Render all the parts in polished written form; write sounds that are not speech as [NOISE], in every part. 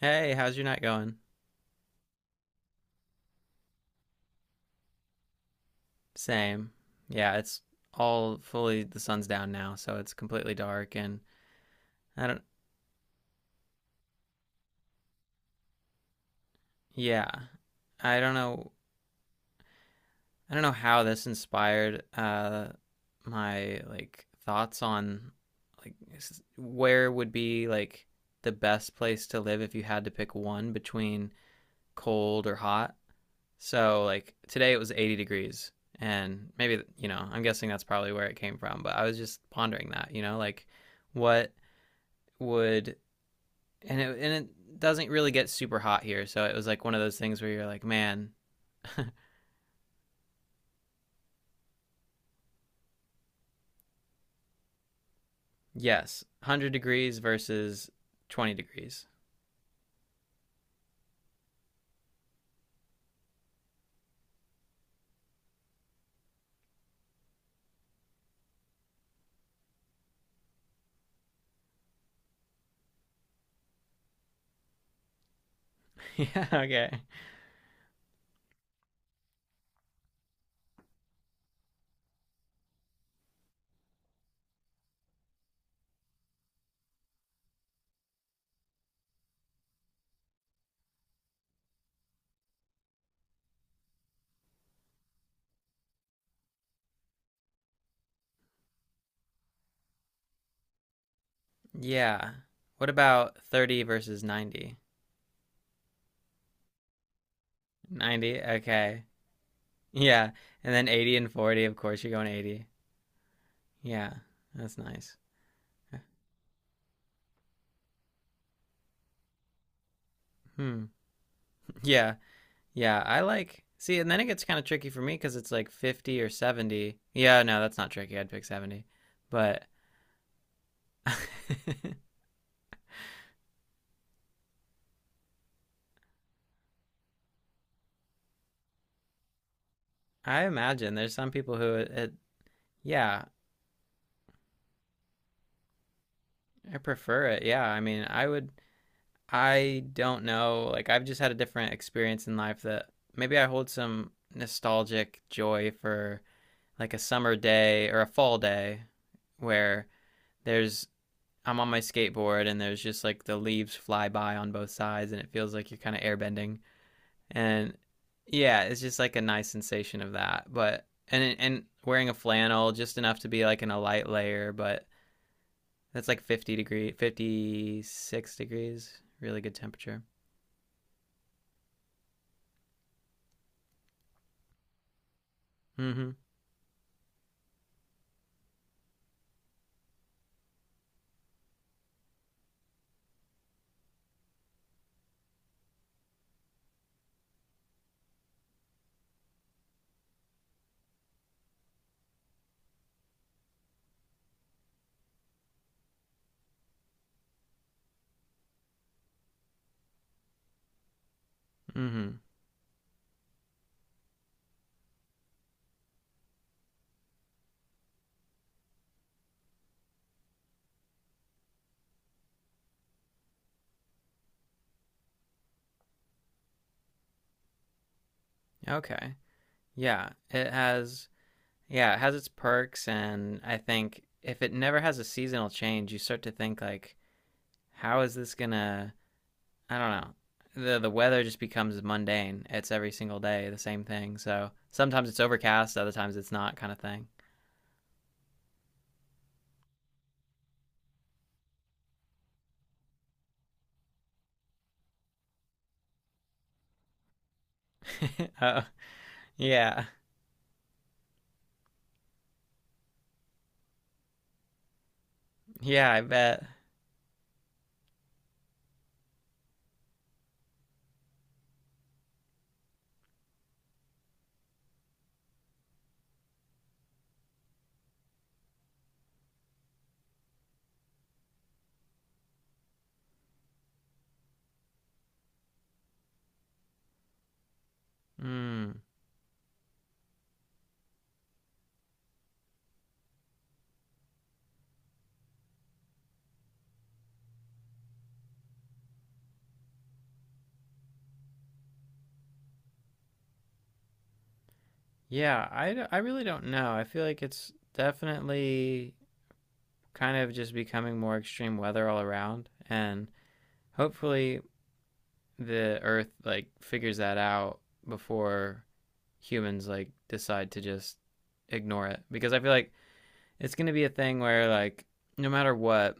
Hey, how's your night going? Same. Yeah, it's all fully the sun's down now, so it's completely dark and I don't yeah. I don't know how this inspired my like thoughts on like where would be like the best place to live if you had to pick one between cold or hot. So like today it was 80 degrees and maybe I'm guessing that's probably where it came from, but I was just pondering that. What would And it doesn't really get super hot here, so it was like one of those things where you're like, man, [LAUGHS] yes, 100 degrees versus 20 degrees. [LAUGHS] Yeah, okay. Yeah. What about 30 versus 90? 90, okay. Yeah. And then 80 and 40, of course you're going 80. Yeah. That's nice. Hmm. Yeah. Yeah, I like. See, and then it gets kind of tricky for me because it's like 50 or 70. Yeah, no, that's not tricky. I'd pick 70. But [LAUGHS] I imagine there's some people who it, it yeah, I prefer it. Yeah, I mean, I don't know. Like I've just had a different experience in life that maybe I hold some nostalgic joy for like a summer day or a fall day where there's I'm on my skateboard and there's just like the leaves fly by on both sides and it feels like you're kind of airbending. And yeah, it's just like a nice sensation of that. But and wearing a flannel just enough to be like in a light layer, but that's like 50 degree, 56 degrees, really good temperature. Mhm. Mhm. Okay. Yeah, it has yeah, it has its perks and I think if it never has a seasonal change, you start to think like how is this going to I don't know. The weather just becomes mundane. It's every single day the same thing. So sometimes it's overcast, other times it's not kind of thing. [LAUGHS] Oh, yeah. Yeah, I bet. Mm. Yeah, I really don't know. I feel like it's definitely kind of just becoming more extreme weather all around and hopefully the earth like figures that out before humans like decide to just ignore it because I feel like it's going to be a thing where like no matter what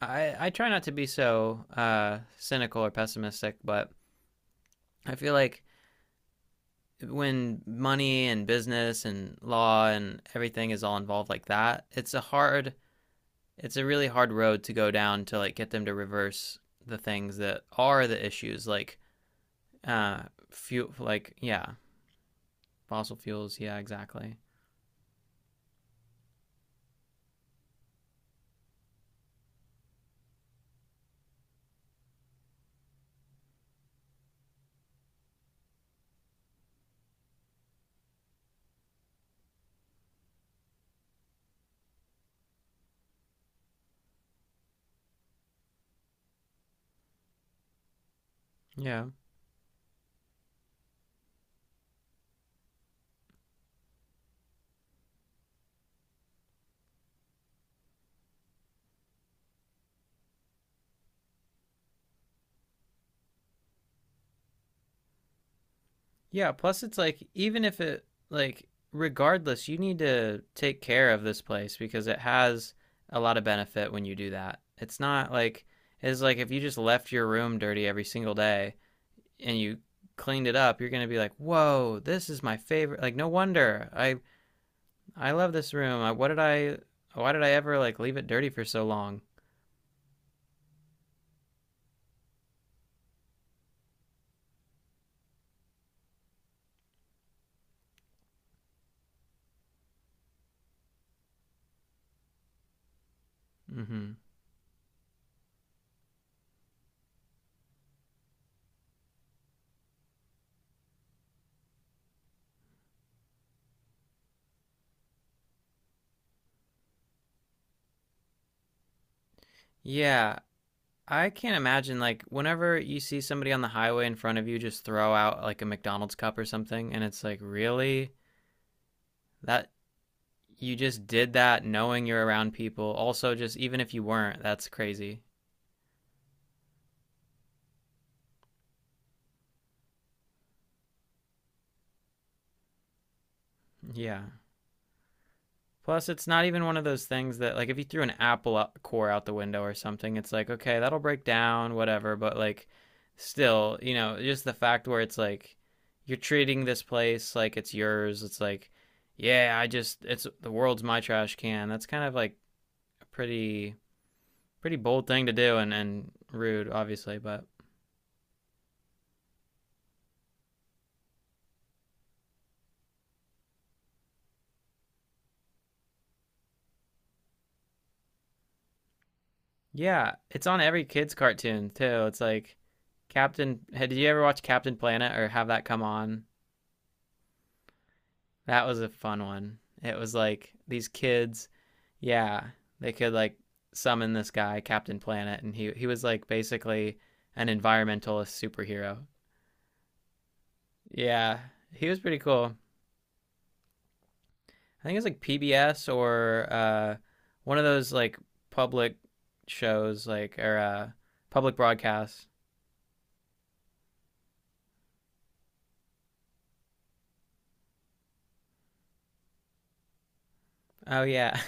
I try not to be so cynical or pessimistic but I feel like when money and business and law and everything is all involved like that, it's a really hard road to go down to like get them to reverse the things that are the issues like uh fuel like yeah fossil fuels yeah exactly yeah. Yeah, plus it's like even if it like regardless, you need to take care of this place because it has a lot of benefit when you do that. It's not like it's like if you just left your room dirty every single day and you cleaned it up, you're going to be like, "Whoa, this is my favorite." Like no wonder. I love this room. What did I? Why did I ever like leave it dirty for so long? Mhm. Yeah, I can't imagine like whenever you see somebody on the highway in front of you just throw out like a McDonald's cup or something and it's like really that you just did that knowing you're around people. Also just even if you weren't, that's crazy. Yeah. Plus, it's not even one of those things that, like, if you threw an Apple core out the window or something, it's like, okay, that'll break down, whatever. But, like, still, just the fact where it's like, you're treating this place like it's yours. It's like, yeah, it's the world's my trash can. That's kind of like a pretty, pretty bold thing to do and rude, obviously. But yeah, it's on every kid's cartoon, too. It's like, hey, did you ever watch Captain Planet or have that come on? That was a fun one. It was like these kids, yeah, they could like summon this guy, Captain Planet, and he was like basically an environmentalist superhero. Yeah, he was pretty cool. I think it was like PBS or one of those like public shows, like or public broadcasts. Oh yeah,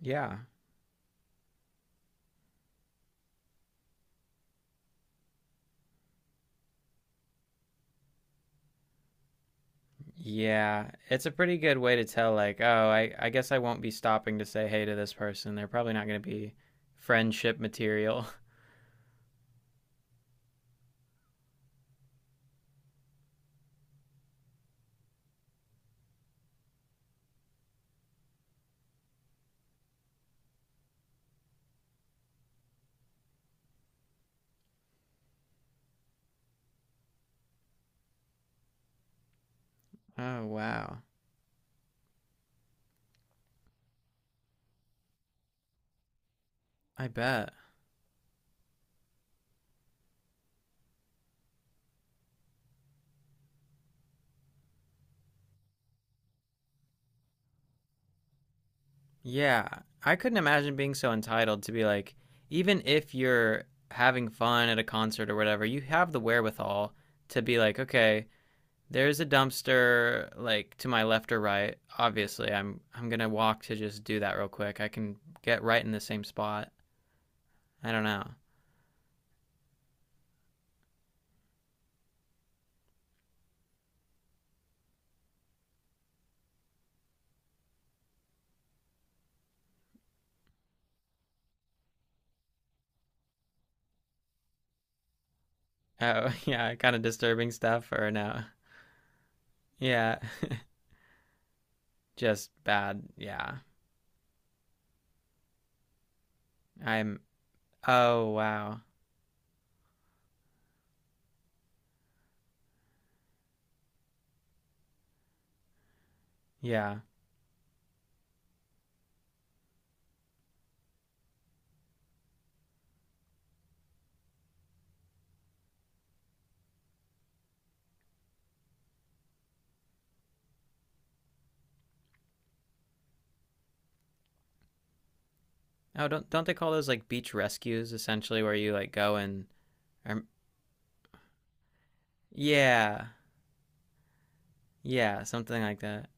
[LAUGHS] yeah. Yeah, it's a pretty good way to tell, like, oh, I guess I won't be stopping to say hey to this person. They're probably not going to be friendship material. [LAUGHS] Oh, wow. I bet. Yeah, I couldn't imagine being so entitled to be like, even if you're having fun at a concert or whatever, you have the wherewithal to be like, okay, there's a dumpster like to my left or right. Obviously, I'm going to walk to just do that real quick. I can get right in the same spot. I don't know. Oh, [LAUGHS] yeah, kind of disturbing stuff or no? Yeah, [LAUGHS] just bad. Yeah. I'm Oh, wow. Yeah. Oh, don't they call those like beach rescues essentially where you like go and um, yeah. Yeah, something like that.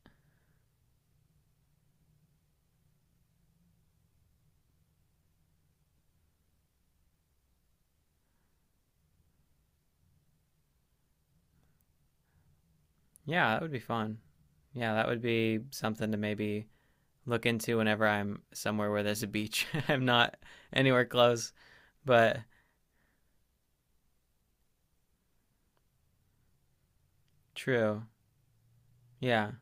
Yeah, that would be fun. Yeah, that would be something to maybe look into whenever I'm somewhere where there's a beach. [LAUGHS] I'm not anywhere close, but true. Yeah,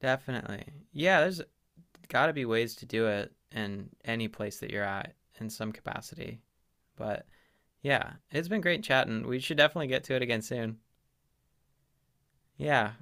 definitely. Yeah, there's got to be ways to do it in any place that you're at in some capacity. But yeah, it's been great chatting. We should definitely get to it again soon. Yeah,